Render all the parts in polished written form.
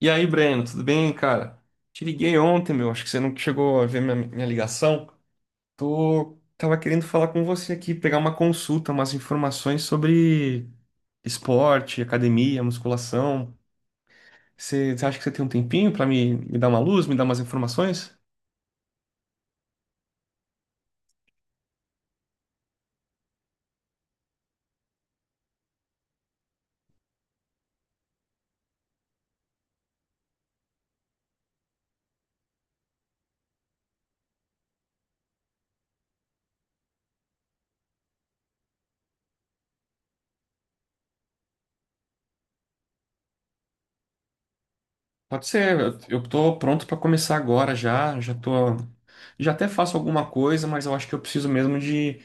E aí, Breno, tudo bem, cara? Te liguei ontem, meu. Acho que você não chegou a ver minha ligação. Tava querendo falar com você aqui, pegar uma consulta, umas informações sobre esporte, academia, musculação. Você acha que você tem um tempinho pra me dar uma luz, me dar umas informações? Pode ser, eu tô pronto pra começar agora já. Já até faço alguma coisa, mas eu acho que eu preciso mesmo de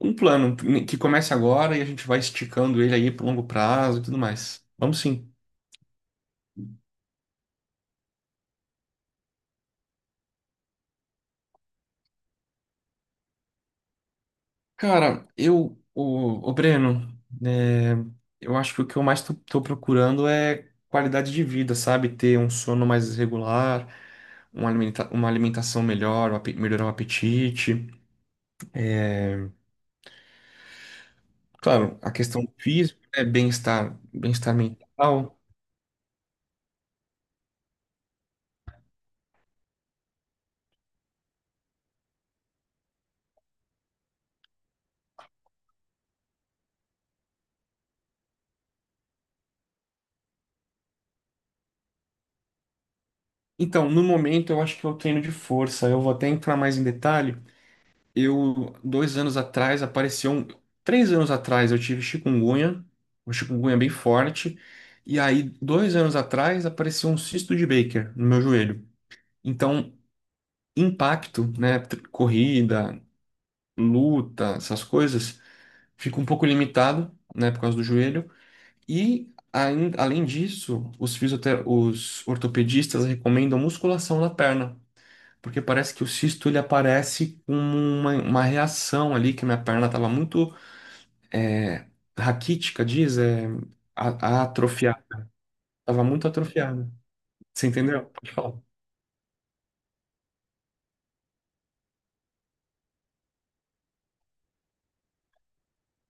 um plano que comece agora e a gente vai esticando ele aí pro longo prazo e tudo mais. Vamos sim. Cara, o Breno, né, eu acho que o que eu mais tô procurando é qualidade de vida, sabe? Ter um sono mais regular, uma alimentação melhor, melhorar o apetite. Claro, a questão física, né? Bem-estar, bem-estar mental. Então, no momento, eu acho que eu treino de força. Eu vou até entrar mais em detalhe. 2 anos atrás, apareceu um. 3 anos atrás eu tive chikungunya, uma chikungunya bem forte. E aí, 2 anos atrás, apareceu um cisto de Baker no meu joelho. Então, impacto, né? Corrida, luta, essas coisas, fica um pouco limitado, né? Por causa do joelho. E, além disso, os ortopedistas recomendam musculação na perna. Porque parece que o cisto ele aparece como uma reação ali, que minha perna estava muito é, raquítica, diz, a atrofiada. Tava muito atrofiada. Você entendeu? Pode falar.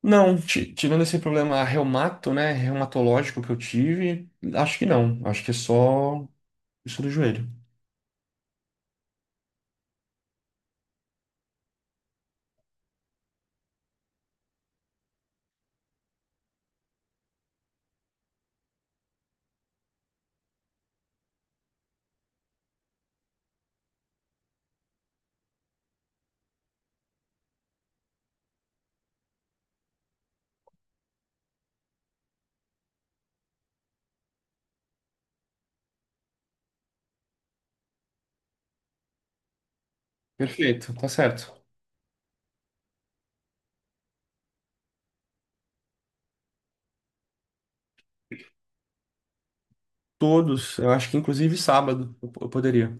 Não, tirando esse problema né, reumatológico que eu tive, acho que não. Acho que é só isso do joelho. Perfeito, tá certo. Todos, eu acho que inclusive sábado eu poderia.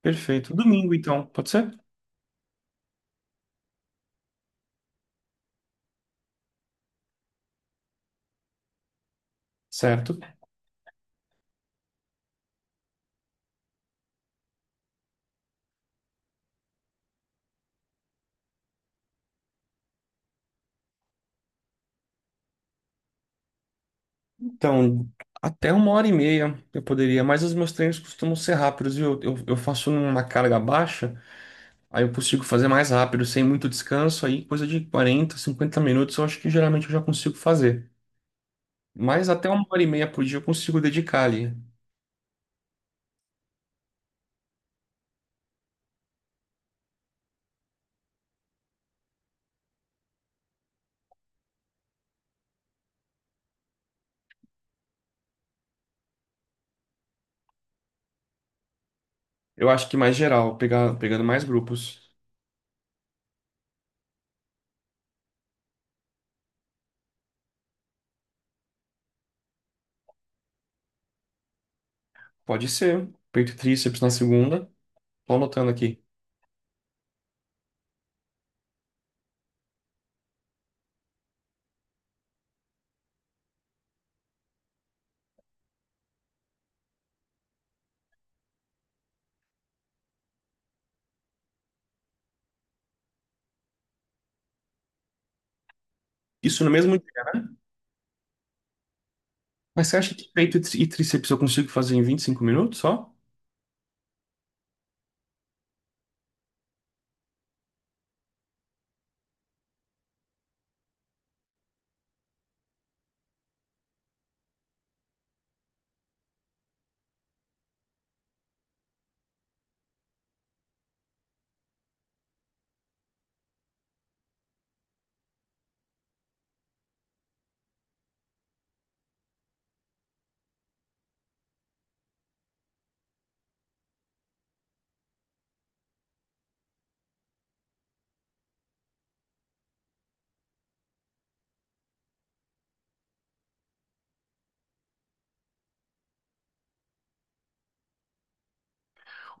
Perfeito. Domingo, então, pode ser? Certo. Então, até uma hora e meia eu poderia, mas os meus treinos costumam ser rápidos, viu? Eu faço numa carga baixa. Aí eu consigo fazer mais rápido, sem muito descanso, aí coisa de 40 50 minutos eu acho que geralmente eu já consigo fazer. Mas até uma hora e meia por dia eu consigo dedicar ali. Eu acho que mais geral, pegando mais grupos. Pode ser, peito e tríceps na segunda, tô anotando aqui. Isso no mesmo dia. Mas você acha que peito e tríceps eu consigo fazer em 25 minutos só?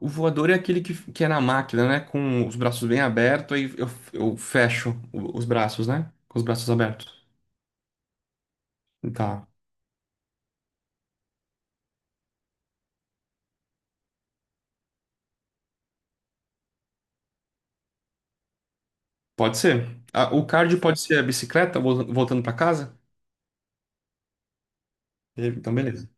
O voador é aquele que é na máquina, né? Com os braços bem abertos, aí eu fecho os braços, né? Com os braços abertos. Tá. Pode ser. Ah, o cardio pode ser a bicicleta voltando para casa? Então, beleza.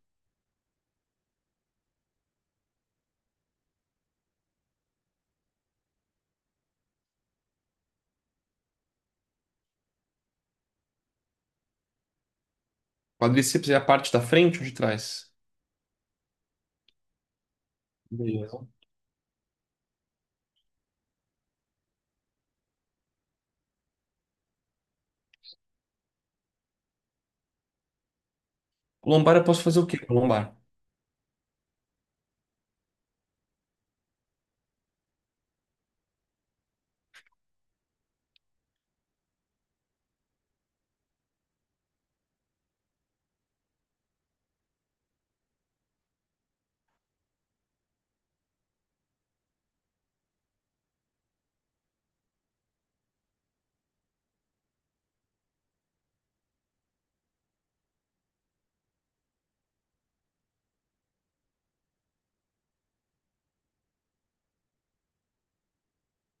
Quadríceps é a parte da frente ou de trás? Beleza. Lombar eu posso fazer o quê com lombar?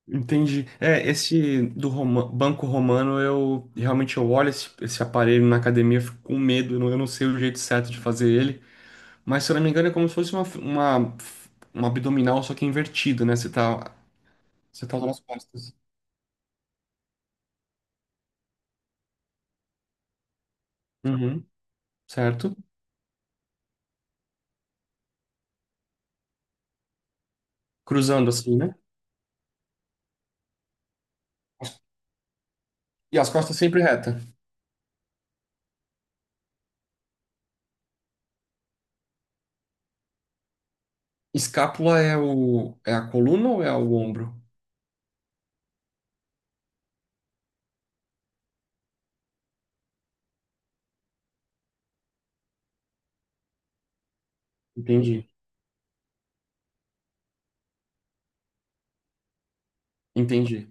Entendi. É, esse do Banco Romano, eu realmente eu olho esse aparelho na academia, eu fico com medo, eu não sei o jeito certo de fazer ele. Mas se eu não me engano, é como se fosse uma, uma abdominal, só que invertido, né? Você tá usando as costas. Uhum, certo? Cruzando assim, né? E as costas sempre reta. Escápula é a coluna ou é o ombro? Entendi, entendi.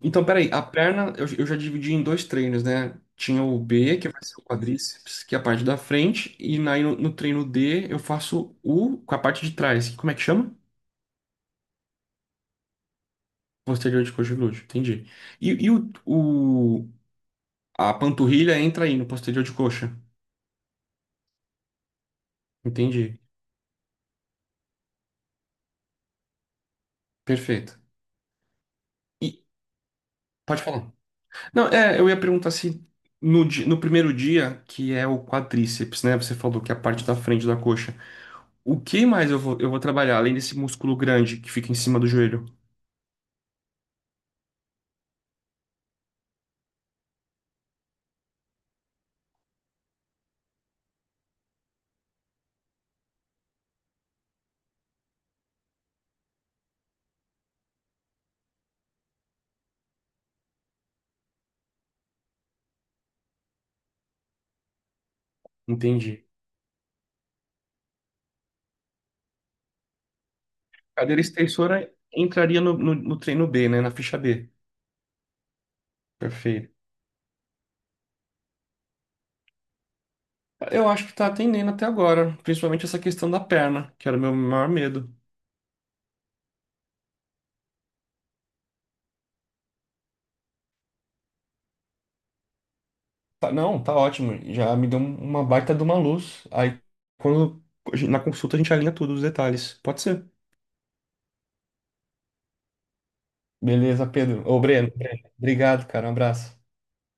Então, peraí, a perna eu já dividi em dois treinos, né? Tinha o B, que vai ser o quadríceps, que é a parte da frente, e na, no, no treino D eu faço o com a parte de trás. Como é que chama? Posterior de coxa e glúteo, entendi. E a panturrilha entra aí no posterior de coxa. Entendi. Perfeito. E pode falar. Não, eu ia perguntar se no primeiro dia, que é o quadríceps, né? Você falou que é a parte da frente da coxa. O que mais eu vou trabalhar, além desse músculo grande que fica em cima do joelho? Entendi. Cadeira extensora entraria no treino B, né? Na ficha B. Perfeito. Eu acho que tá atendendo até agora, principalmente essa questão da perna, que era o meu maior medo. Não, tá ótimo. Já me deu uma baita de uma luz. Aí, quando na consulta, a gente alinha todos os detalhes. Pode ser. Beleza, Pedro. Ô, Breno, Breno, obrigado, cara. Um abraço.